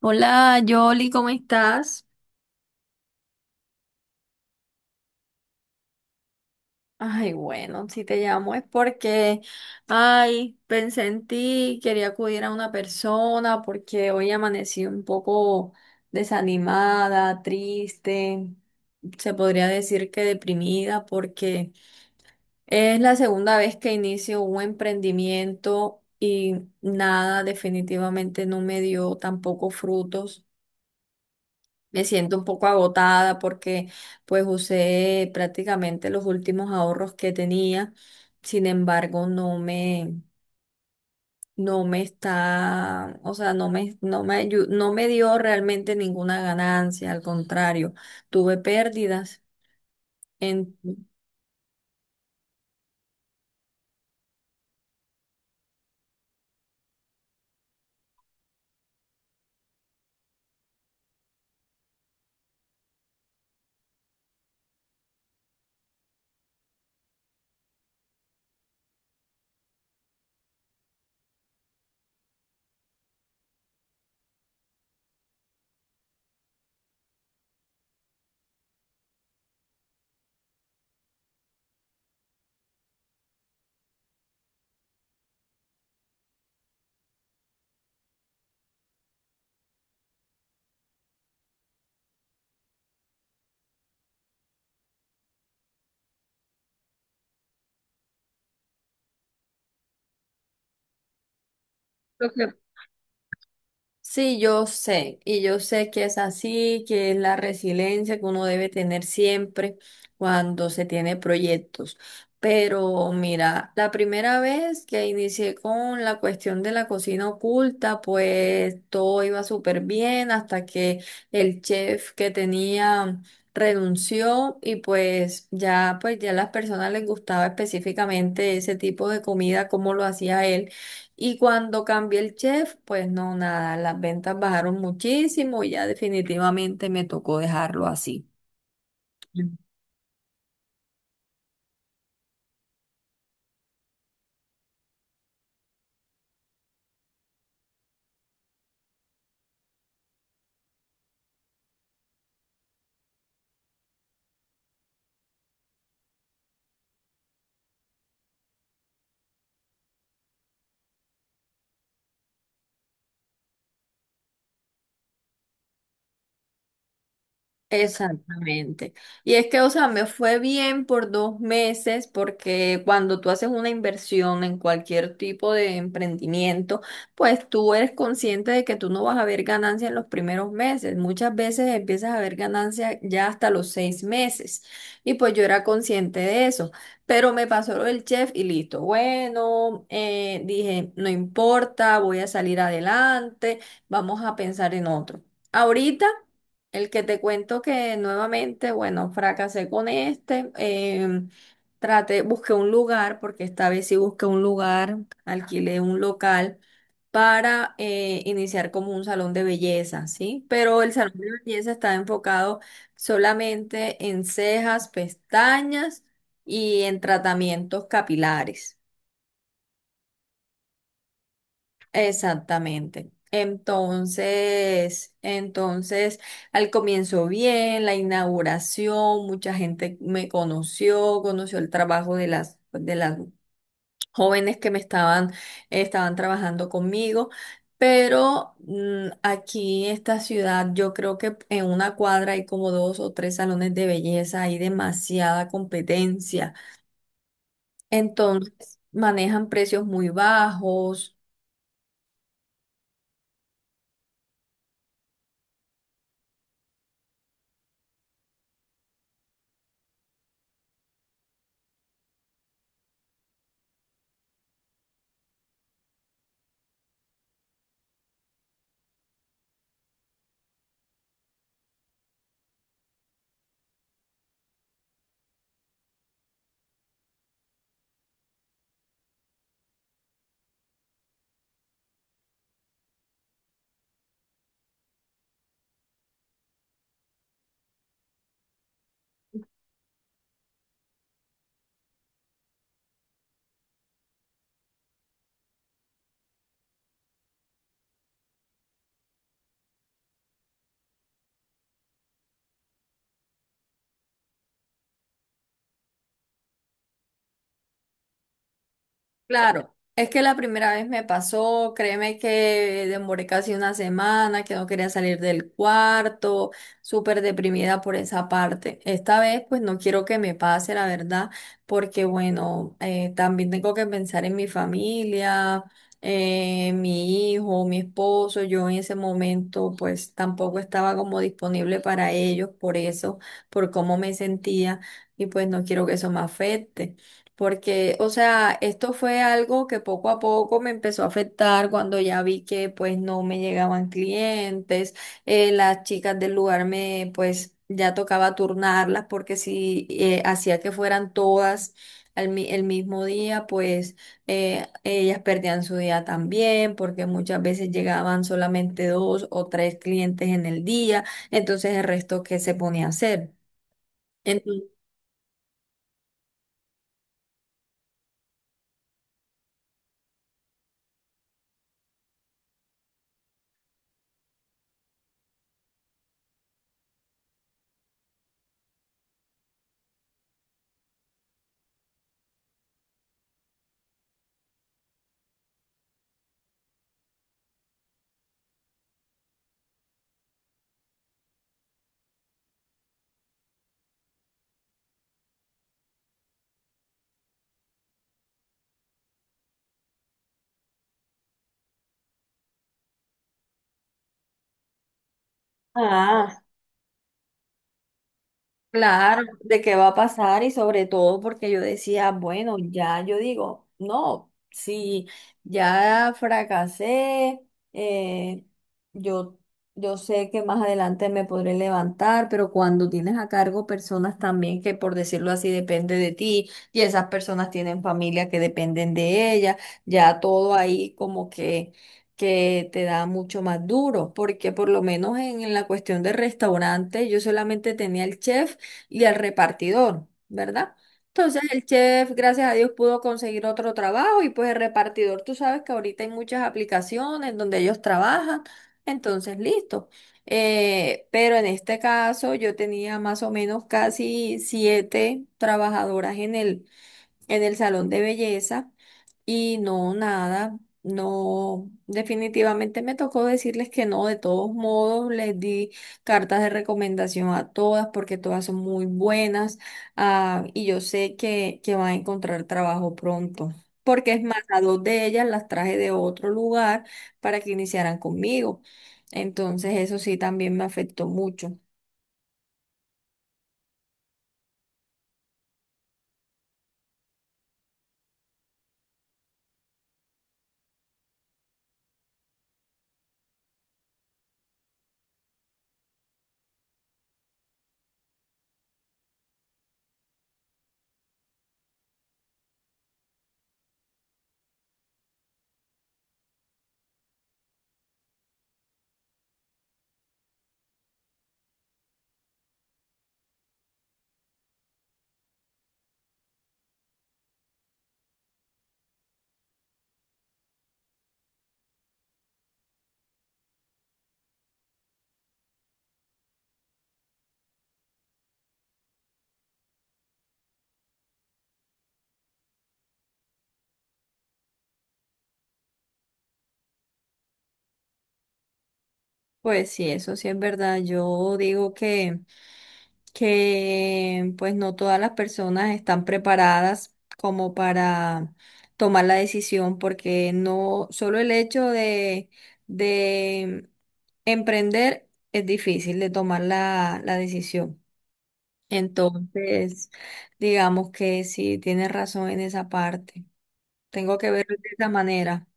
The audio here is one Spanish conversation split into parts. Hola, Yoli, ¿cómo estás? Ay, bueno, si te llamo es porque, ay, pensé en ti, quería acudir a una persona porque hoy amanecí un poco desanimada, triste, se podría decir que deprimida porque es la segunda vez que inicio un emprendimiento y nada, definitivamente no me dio tampoco frutos. Me siento un poco agotada porque pues usé prácticamente los últimos ahorros que tenía. Sin embargo, no me está, o sea, no me dio realmente ninguna ganancia. Al contrario, tuve pérdidas. En, lo que Sí, yo sé, y yo sé que es así, que es la resiliencia que uno debe tener siempre cuando se tiene proyectos. Pero mira, la primera vez que inicié con la cuestión de la cocina oculta, pues todo iba súper bien hasta que el chef que tenía renunció y pues ya a las personas les gustaba específicamente ese tipo de comida, como lo hacía él. Y cuando cambié el chef, pues no, nada, las ventas bajaron muchísimo y ya definitivamente me tocó dejarlo así. Exactamente. Y es que, o sea, me fue bien por 2 meses porque cuando tú haces una inversión en cualquier tipo de emprendimiento, pues tú eres consciente de que tú no vas a ver ganancia en los primeros meses. Muchas veces empiezas a ver ganancia ya hasta los 6 meses. Y pues yo era consciente de eso. Pero me pasó lo del chef y listo. Bueno, dije, no importa, voy a salir adelante, vamos a pensar en otro. Ahorita. El que te cuento que nuevamente, bueno, fracasé con este. Traté, busqué un lugar, porque esta vez sí busqué un lugar, alquilé un local para iniciar como un salón de belleza, ¿sí? Pero el salón de belleza está enfocado solamente en cejas, pestañas y en tratamientos capilares. Exactamente. Entonces, entonces, al comienzo bien, la inauguración, mucha gente me conoció, conoció el trabajo de las jóvenes que me estaban, trabajando conmigo, pero aquí en esta ciudad, yo creo que en una cuadra hay como dos o tres salones de belleza, hay demasiada competencia. Entonces, manejan precios muy bajos. Claro, es que la primera vez me pasó, créeme que demoré casi una semana, que no quería salir del cuarto, súper deprimida por esa parte. Esta vez pues no quiero que me pase, la verdad, porque bueno, también tengo que pensar en mi familia, mi hijo, mi esposo. Yo en ese momento pues tampoco estaba como disponible para ellos por eso, por cómo me sentía y pues no quiero que eso me afecte porque, o sea, esto fue algo que poco a poco me empezó a afectar cuando ya vi que pues no me llegaban clientes. Las chicas del lugar me pues ya tocaba turnarlas porque si hacía que fueran todas el mismo día, pues ellas perdían su día también porque muchas veces llegaban solamente dos o tres clientes en el día, entonces el resto qué se ponía a hacer. Entonces, ah, claro, de qué va a pasar y sobre todo porque yo decía, bueno, ya yo digo, no, si ya fracasé, eh, yo, yo sé que más adelante me podré levantar, pero cuando tienes a cargo personas también que por decirlo así depende de ti y esas personas tienen familia que dependen de ellas, ya todo ahí como que te da mucho más duro, porque por lo menos en la cuestión del restaurante yo solamente tenía el chef y al repartidor, ¿verdad? Entonces el chef, gracias a Dios, pudo conseguir otro trabajo y pues el repartidor, tú sabes que ahorita hay muchas aplicaciones donde ellos trabajan, entonces listo. Pero en este caso yo tenía más o menos casi siete trabajadoras en el salón de belleza y no, nada, no, definitivamente me tocó decirles que no, de todos modos les di cartas de recomendación a todas porque todas son muy buenas, ah, y yo sé que van a encontrar trabajo pronto. Porque es más, a dos de ellas las traje de otro lugar para que iniciaran conmigo. Entonces, eso sí también me afectó mucho. Pues sí, eso sí es verdad. Yo digo que pues no todas las personas están preparadas como para tomar la decisión, porque no solo el hecho de, de emprender es difícil de tomar la decisión. Entonces, digamos que sí, tienes razón en esa parte. Tengo que verlo de esa manera.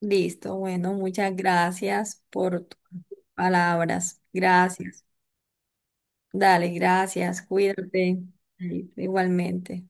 Listo, bueno, muchas gracias por tus palabras. Gracias. Dale, gracias, cuídate, y- igualmente.